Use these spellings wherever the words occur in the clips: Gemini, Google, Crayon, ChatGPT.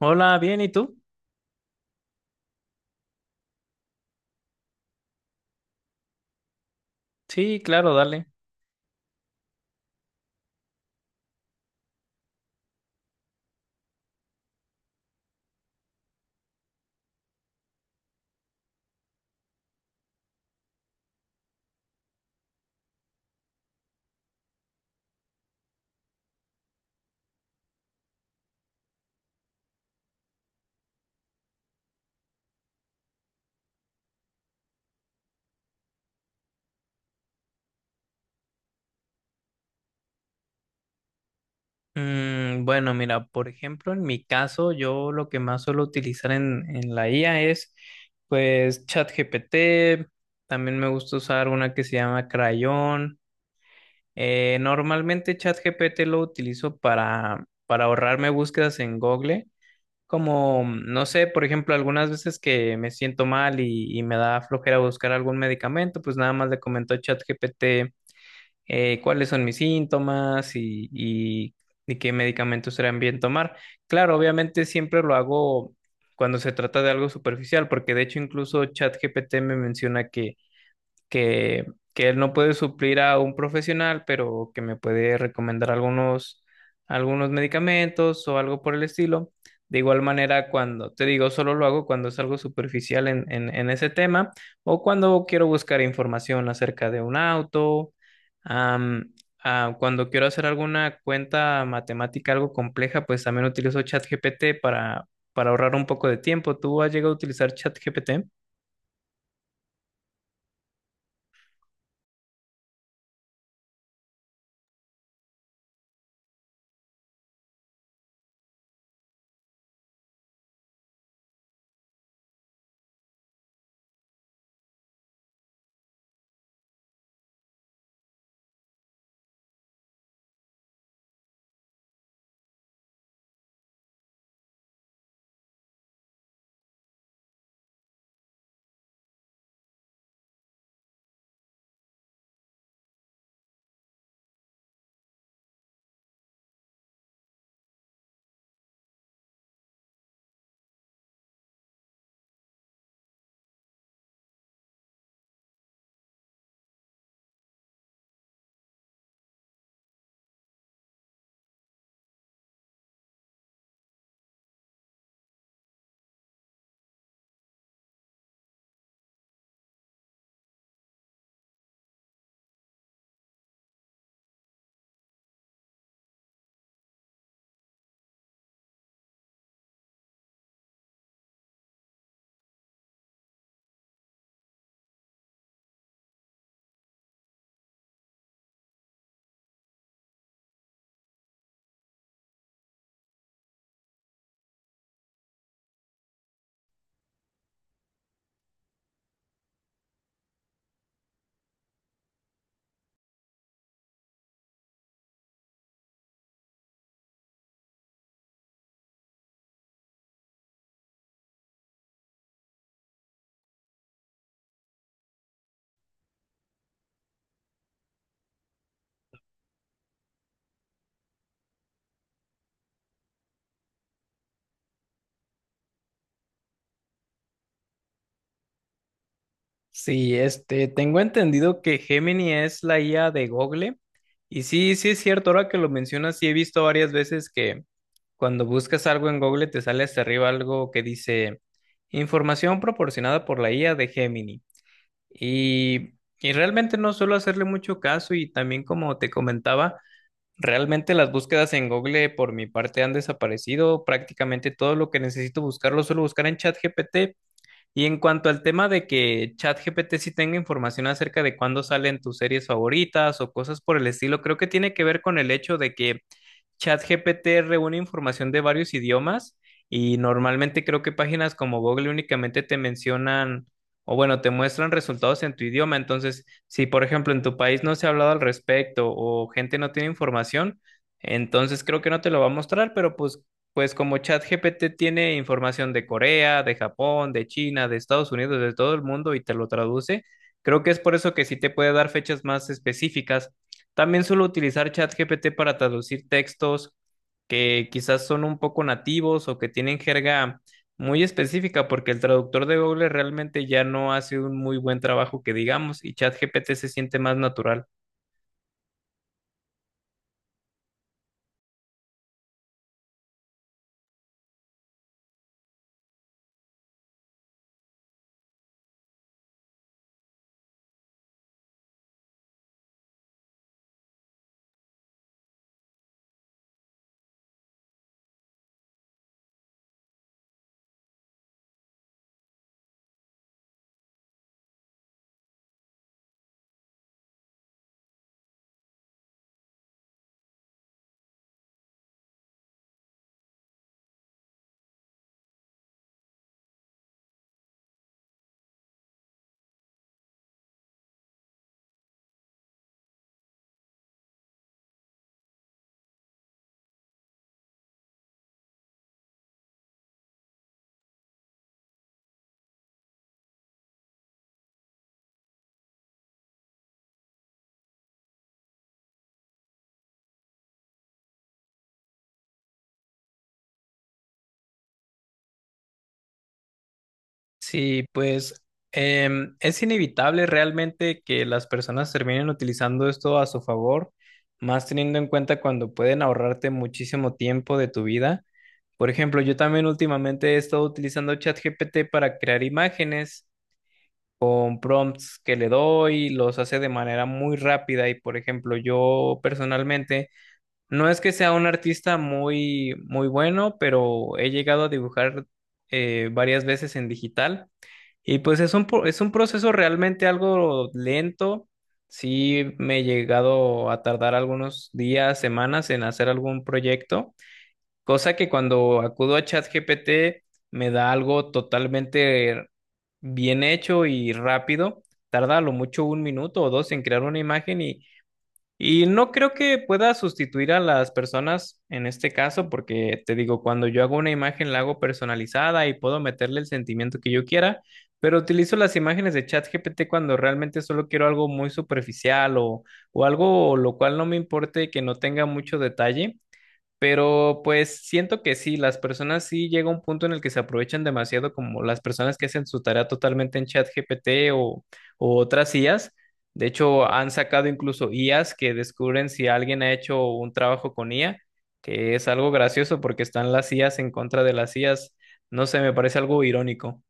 Hola, bien, ¿y tú? Sí, claro, dale. Bueno, mira, por ejemplo, en mi caso, yo lo que más suelo utilizar en la IA es, pues, ChatGPT. También me gusta usar una que se llama Crayon. Normalmente ChatGPT lo utilizo para ahorrarme búsquedas en Google. Como, no sé, por ejemplo, algunas veces que me siento mal y me da flojera buscar algún medicamento, pues nada más le comento a ChatGPT cuáles son mis síntomas y qué medicamentos serán bien tomar. Claro, obviamente siempre lo hago cuando se trata de algo superficial, porque de hecho incluso ChatGPT me menciona que, que él no puede suplir a un profesional, pero que me puede recomendar algunos medicamentos o algo por el estilo. De igual manera, cuando te digo, solo lo hago cuando es algo superficial en ese tema o cuando quiero buscar información acerca de un auto, am, cuando quiero hacer alguna cuenta matemática algo compleja, pues también utilizo ChatGPT para ahorrar un poco de tiempo. ¿Tú has llegado a utilizar ChatGPT? Sí, este, tengo entendido que Gemini es la IA de Google. Y sí, sí es cierto, ahora que lo mencionas, sí he visto varias veces que cuando buscas algo en Google te sale hasta arriba algo que dice información proporcionada por la IA de Gemini. Y realmente no suelo hacerle mucho caso y también como te comentaba, realmente las búsquedas en Google por mi parte han desaparecido. Prácticamente todo lo que necesito buscar lo suelo buscar en ChatGPT. Y en cuanto al tema de que ChatGPT sí tenga información acerca de cuándo salen tus series favoritas o cosas por el estilo, creo que tiene que ver con el hecho de que ChatGPT reúne información de varios idiomas y normalmente creo que páginas como Google únicamente te mencionan o bueno, te muestran resultados en tu idioma. Entonces, si por ejemplo en tu país no se ha hablado al respecto o gente no tiene información, entonces creo que no te lo va a mostrar, pues como ChatGPT tiene información de Corea, de Japón, de China, de Estados Unidos, de todo el mundo y te lo traduce, creo que es por eso que sí te puede dar fechas más específicas. También suelo utilizar ChatGPT para traducir textos que quizás son un poco nativos o que tienen jerga muy específica, porque el traductor de Google realmente ya no hace un muy buen trabajo que digamos, y ChatGPT se siente más natural. Sí, pues es inevitable realmente que las personas terminen utilizando esto a su favor, más teniendo en cuenta cuando pueden ahorrarte muchísimo tiempo de tu vida. Por ejemplo, yo también últimamente he estado utilizando ChatGPT para crear imágenes con prompts que le doy, los hace de manera muy rápida y por ejemplo, yo personalmente no es que sea un artista muy muy bueno, pero he llegado a dibujar varias veces en digital y pues es un es un proceso realmente algo lento. Sí me he llegado a tardar algunos días, semanas en hacer algún proyecto. Cosa que cuando acudo a ChatGPT me da algo totalmente bien hecho y rápido. Tarda a lo mucho un minuto o dos en crear una imagen y no creo que pueda sustituir a las personas en este caso, porque te digo, cuando yo hago una imagen la hago personalizada y puedo meterle el sentimiento que yo quiera, pero utilizo las imágenes de ChatGPT cuando realmente solo quiero algo muy superficial o algo lo cual no me importe que no tenga mucho detalle. Pero pues siento que sí, las personas sí llega un punto en el que se aprovechan demasiado, como las personas que hacen su tarea totalmente en ChatGPT o, o otras IAs. De hecho, han sacado incluso IAs que descubren si alguien ha hecho un trabajo con IA, que es algo gracioso porque están las IAs en contra de las IAs. No sé, me parece algo irónico.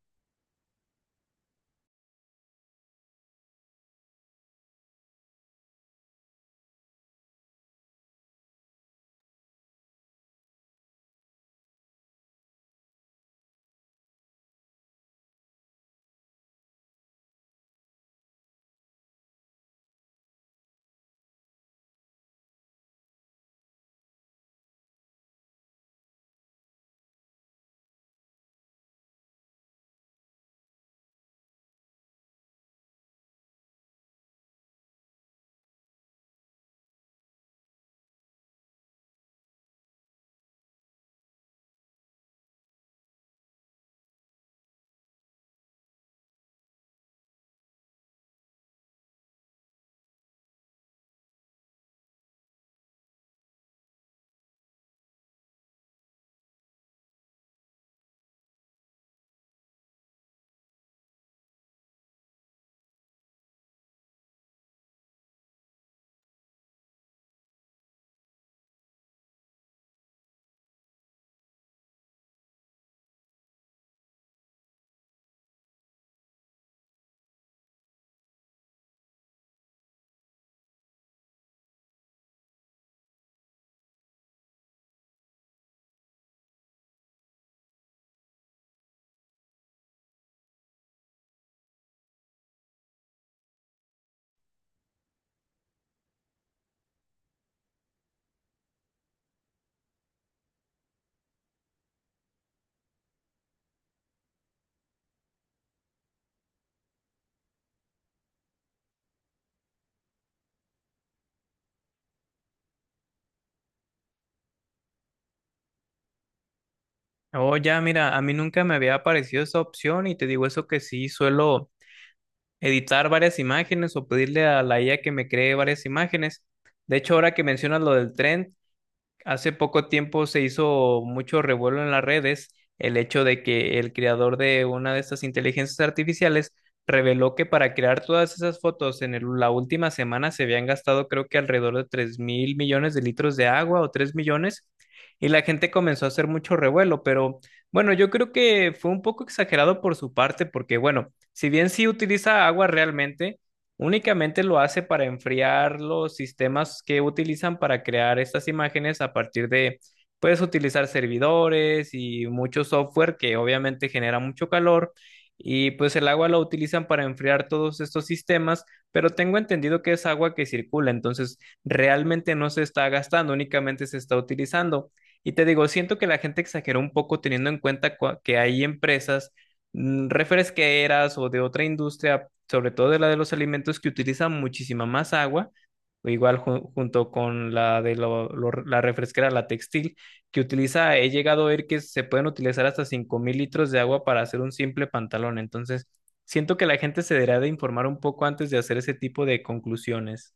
Oh, ya, mira, a mí nunca me había aparecido esa opción y te digo eso que sí suelo editar varias imágenes o pedirle a la IA que me cree varias imágenes. De hecho, ahora que mencionas lo del tren, hace poco tiempo se hizo mucho revuelo en las redes el hecho de que el creador de una de estas inteligencias artificiales reveló que para crear todas esas fotos en la última semana se habían gastado creo que alrededor de 3.000.000.000 de litros de agua o 3.000.000 y la gente comenzó a hacer mucho revuelo, pero bueno, yo creo que fue un poco exagerado por su parte porque bueno, si bien sí utiliza agua realmente, únicamente lo hace para enfriar los sistemas que utilizan para crear estas imágenes a partir de, puedes utilizar servidores y mucho software que obviamente genera mucho calor y pues el agua lo utilizan para enfriar todos estos sistemas, pero tengo entendido que es agua que circula, entonces realmente no se está gastando, únicamente se está utilizando. Y te digo, siento que la gente exageró un poco teniendo en cuenta que hay empresas refresqueras o de otra industria, sobre todo de la de los alimentos que utilizan muchísima más agua, o igual junto con la de la refresquera, la textil, que utiliza, he llegado a ver que se pueden utilizar hasta 5.000 litros de agua para hacer un simple pantalón. Entonces, siento que la gente se debería de informar un poco antes de hacer ese tipo de conclusiones.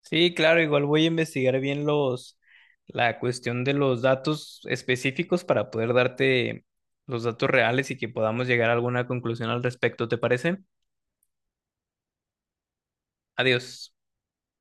Sí, claro, igual voy a investigar bien la cuestión de los datos específicos para poder darte los datos reales y que podamos llegar a alguna conclusión al respecto, ¿te parece? Adiós.